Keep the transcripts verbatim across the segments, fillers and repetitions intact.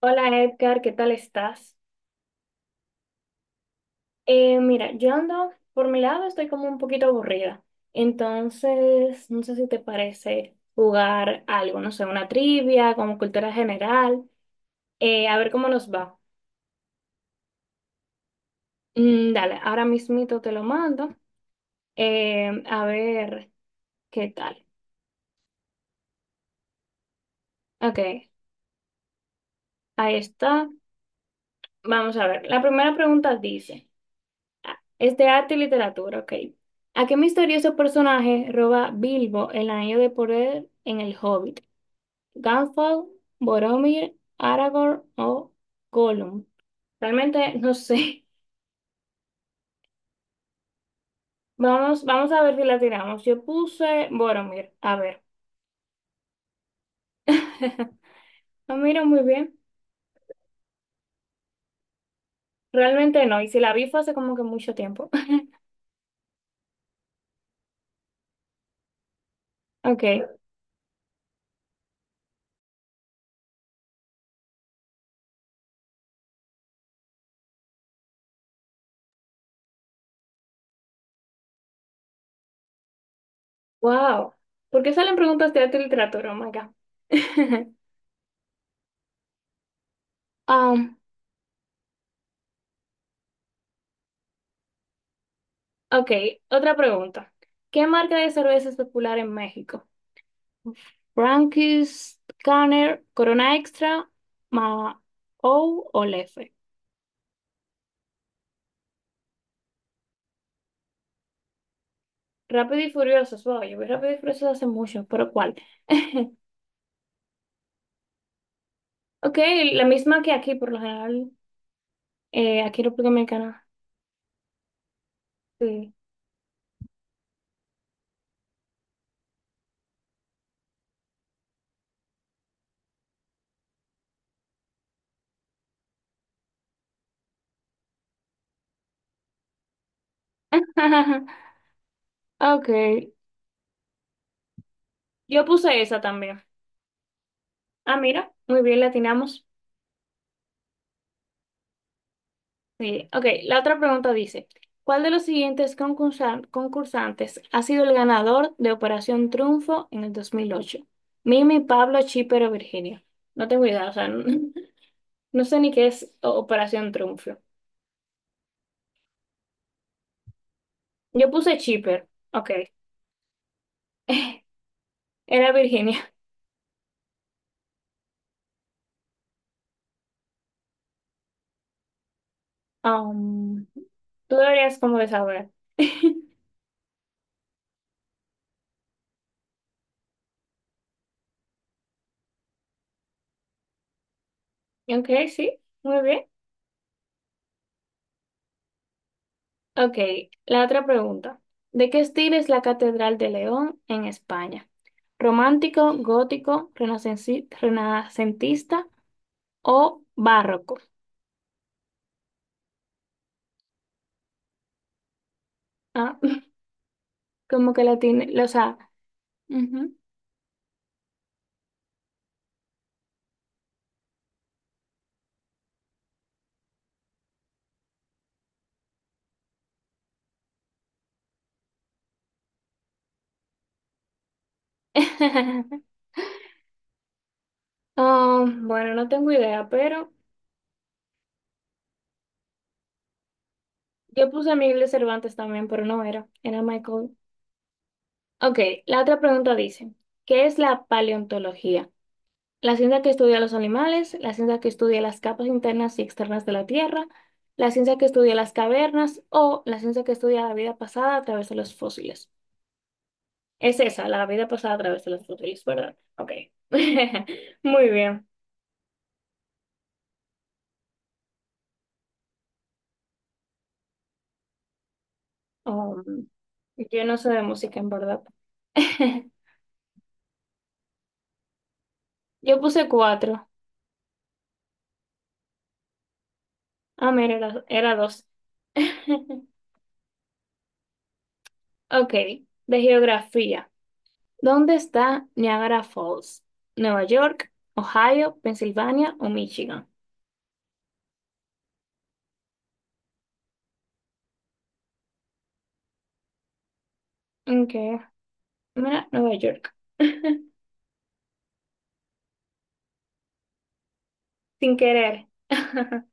Hola Edgar, ¿qué tal estás? Eh, mira, yo ando, por mi lado estoy como un poquito aburrida, entonces no sé si te parece jugar algo, no sé, una trivia, como cultura general, eh, a ver cómo nos va. Mm, dale, ahora mismito te lo mando, eh, a ver qué tal. Ok, ahí está. Vamos a ver, la primera pregunta dice, ah, es de arte y literatura, ok. ¿A qué misterioso personaje roba Bilbo el anillo de poder en el Hobbit? Gandalf, Boromir, Aragorn o Gollum. Realmente no sé. Vamos, vamos a ver si la tiramos. Yo puse Boromir. A ver. No miro muy bien. Realmente no. Y si la vi fue hace como que mucho tiempo. Ok. Wow. ¿Por qué salen preguntas de arte y literatura? Oh my God. Um, ok. Otra pregunta. ¿Qué marca de cerveza es popular en México? Frankie's Scanner, Corona Extra, Ma O o Lefe. Rápido y Furiosos. Wow, yo vi Rápido y Furiosos hace mucho, pero ¿cuál? Ok, la misma que aquí, por lo general. Eh, aquí en República Dominicana. Sí. Ok, yo puse esa también. Ah, mira, muy bien, latinamos. Sí, ok. La otra pregunta dice, ¿cuál de los siguientes concursan- concursantes ha sido el ganador de Operación Triunfo en el dos mil ocho? Mimi, Pablo, Chipper o Virginia. No tengo idea, o sea, no, no sé ni qué es O- Operación Triunfo. Yo puse Chipper, ok. Era Virginia. Um, Tú deberías como de saber. Ok, sí, muy bien. Ok, la otra pregunta. ¿De qué estilo es la Catedral de León en España? ¿Romántico, gótico, renacenci- renacentista o barroco? Ah, como que la tiene, lo- o sea, ujú. Ah, bueno, no tengo idea, pero yo puse Miguel de Cervantes también, pero no era, era Michael. Ok, la otra pregunta dice, ¿qué es la paleontología? La ciencia que estudia los animales, la ciencia que estudia las capas internas y externas de la Tierra, la ciencia que estudia las cavernas o la ciencia que estudia la vida pasada a través de los fósiles. Es esa, la vida pasada a través de los fósiles, ¿verdad? Ok. Muy bien. Um, yo no sé de música, en verdad. Yo puse cuatro. Ah, mira, era, era dos. Ok, de geografía. ¿Dónde está Niagara Falls? ¿Nueva York, Ohio, Pensilvania o Michigan? Okay. Mira, Nueva York. Sin querer.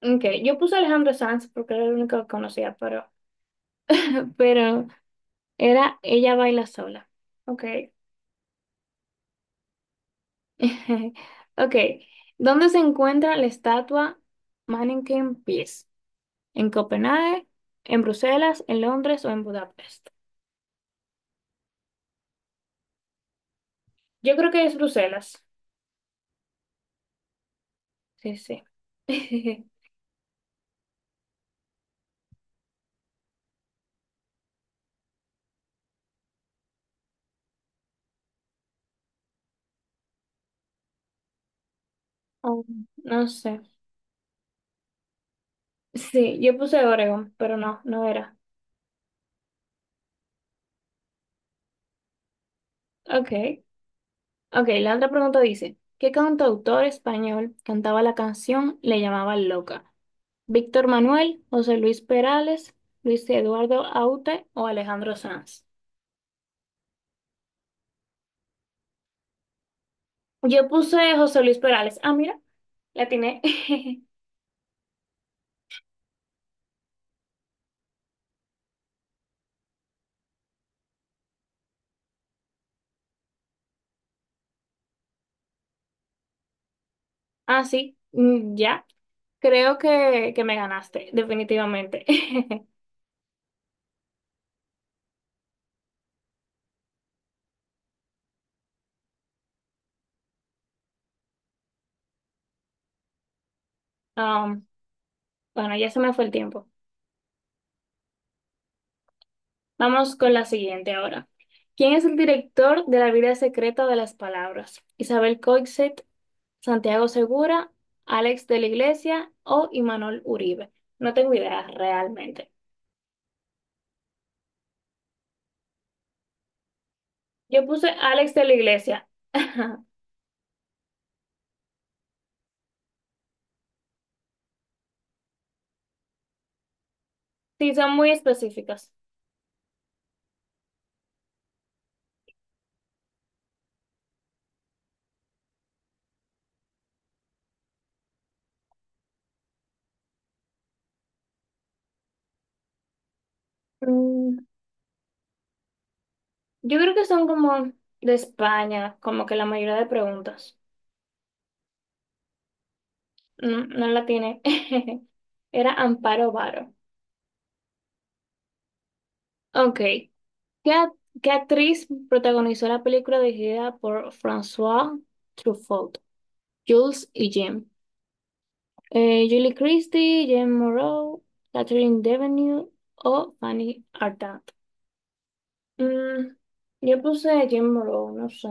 Okay. Yo puse Alejandro Sanz porque era el único que conocía, pero, pero era Ella baila sola. Okay. Okay. ¿Dónde se encuentra la estatua Mannequin Peace? ¿En Copenhague, en Bruselas, en Londres o en Budapest? Yo creo que es Bruselas. Sí, sí. Oh, no sé. Sí, yo puse Oregon, pero no, no era. Ok. Ok, la otra pregunta dice, ¿qué cantautor español cantaba la canción Le llamaba loca? ¿Víctor Manuel, José Luis Perales, Luis Eduardo Aute o Alejandro Sanz? Yo puse José Luis Perales. Ah, mira, la atiné. Ah, sí, mm, ya. Creo que, que me ganaste, definitivamente. Um, bueno, ya se me fue el tiempo. Vamos con la siguiente ahora. ¿Quién es el director de La vida secreta de las palabras? ¿Isabel Coixet, Santiago Segura, Alex de la Iglesia o Imanol Uribe? No tengo idea realmente. Yo puse Alex de la Iglesia. Sí, son muy específicas. Mm, yo creo que son como de España, como que la mayoría de preguntas. No, no la tiene. Era Amparo Varo. Ok. ¿Qué, a- ¿Qué actriz protagonizó la película dirigida por François Truffaut, Jules y Jim? Eh, Julie Christie, Jim Moreau, Catherine Deneuve o Fanny Ardant. Mm, yo puse Jim Moreau, no sé.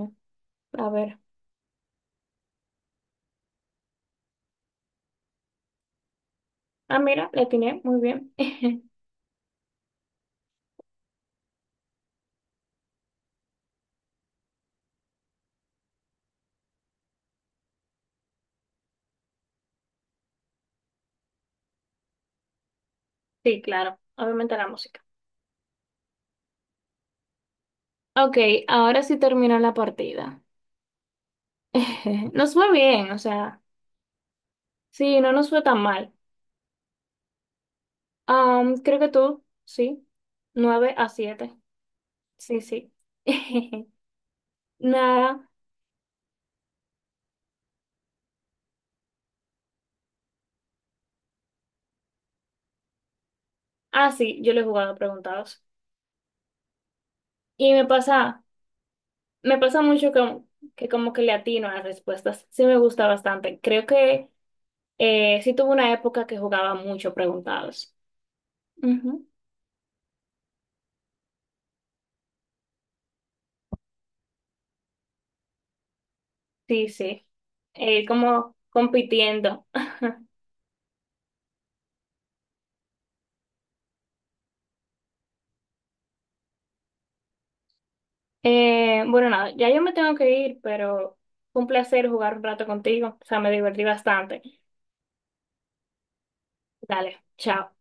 A ver. Ah, mira, le atiné muy bien. Sí, claro. Obviamente la música. Ok, ahora sí terminó la partida. Nos fue bien, o sea, sí, no nos fue tan mal. Am, creo que tú, sí. Nueve a siete. Sí, sí. Nada. Ah, sí, yo lo he jugado a preguntados. Y me pasa, Me pasa mucho que, que como que le atino a las respuestas. Sí me gusta bastante. Creo que eh, sí tuve una época que jugaba mucho preguntados. Ujú. Sí, sí. Eh, como compitiendo. Eh, bueno, nada, ya yo me tengo que ir, pero fue un placer jugar un rato contigo. O sea, me divertí bastante. Dale, chao.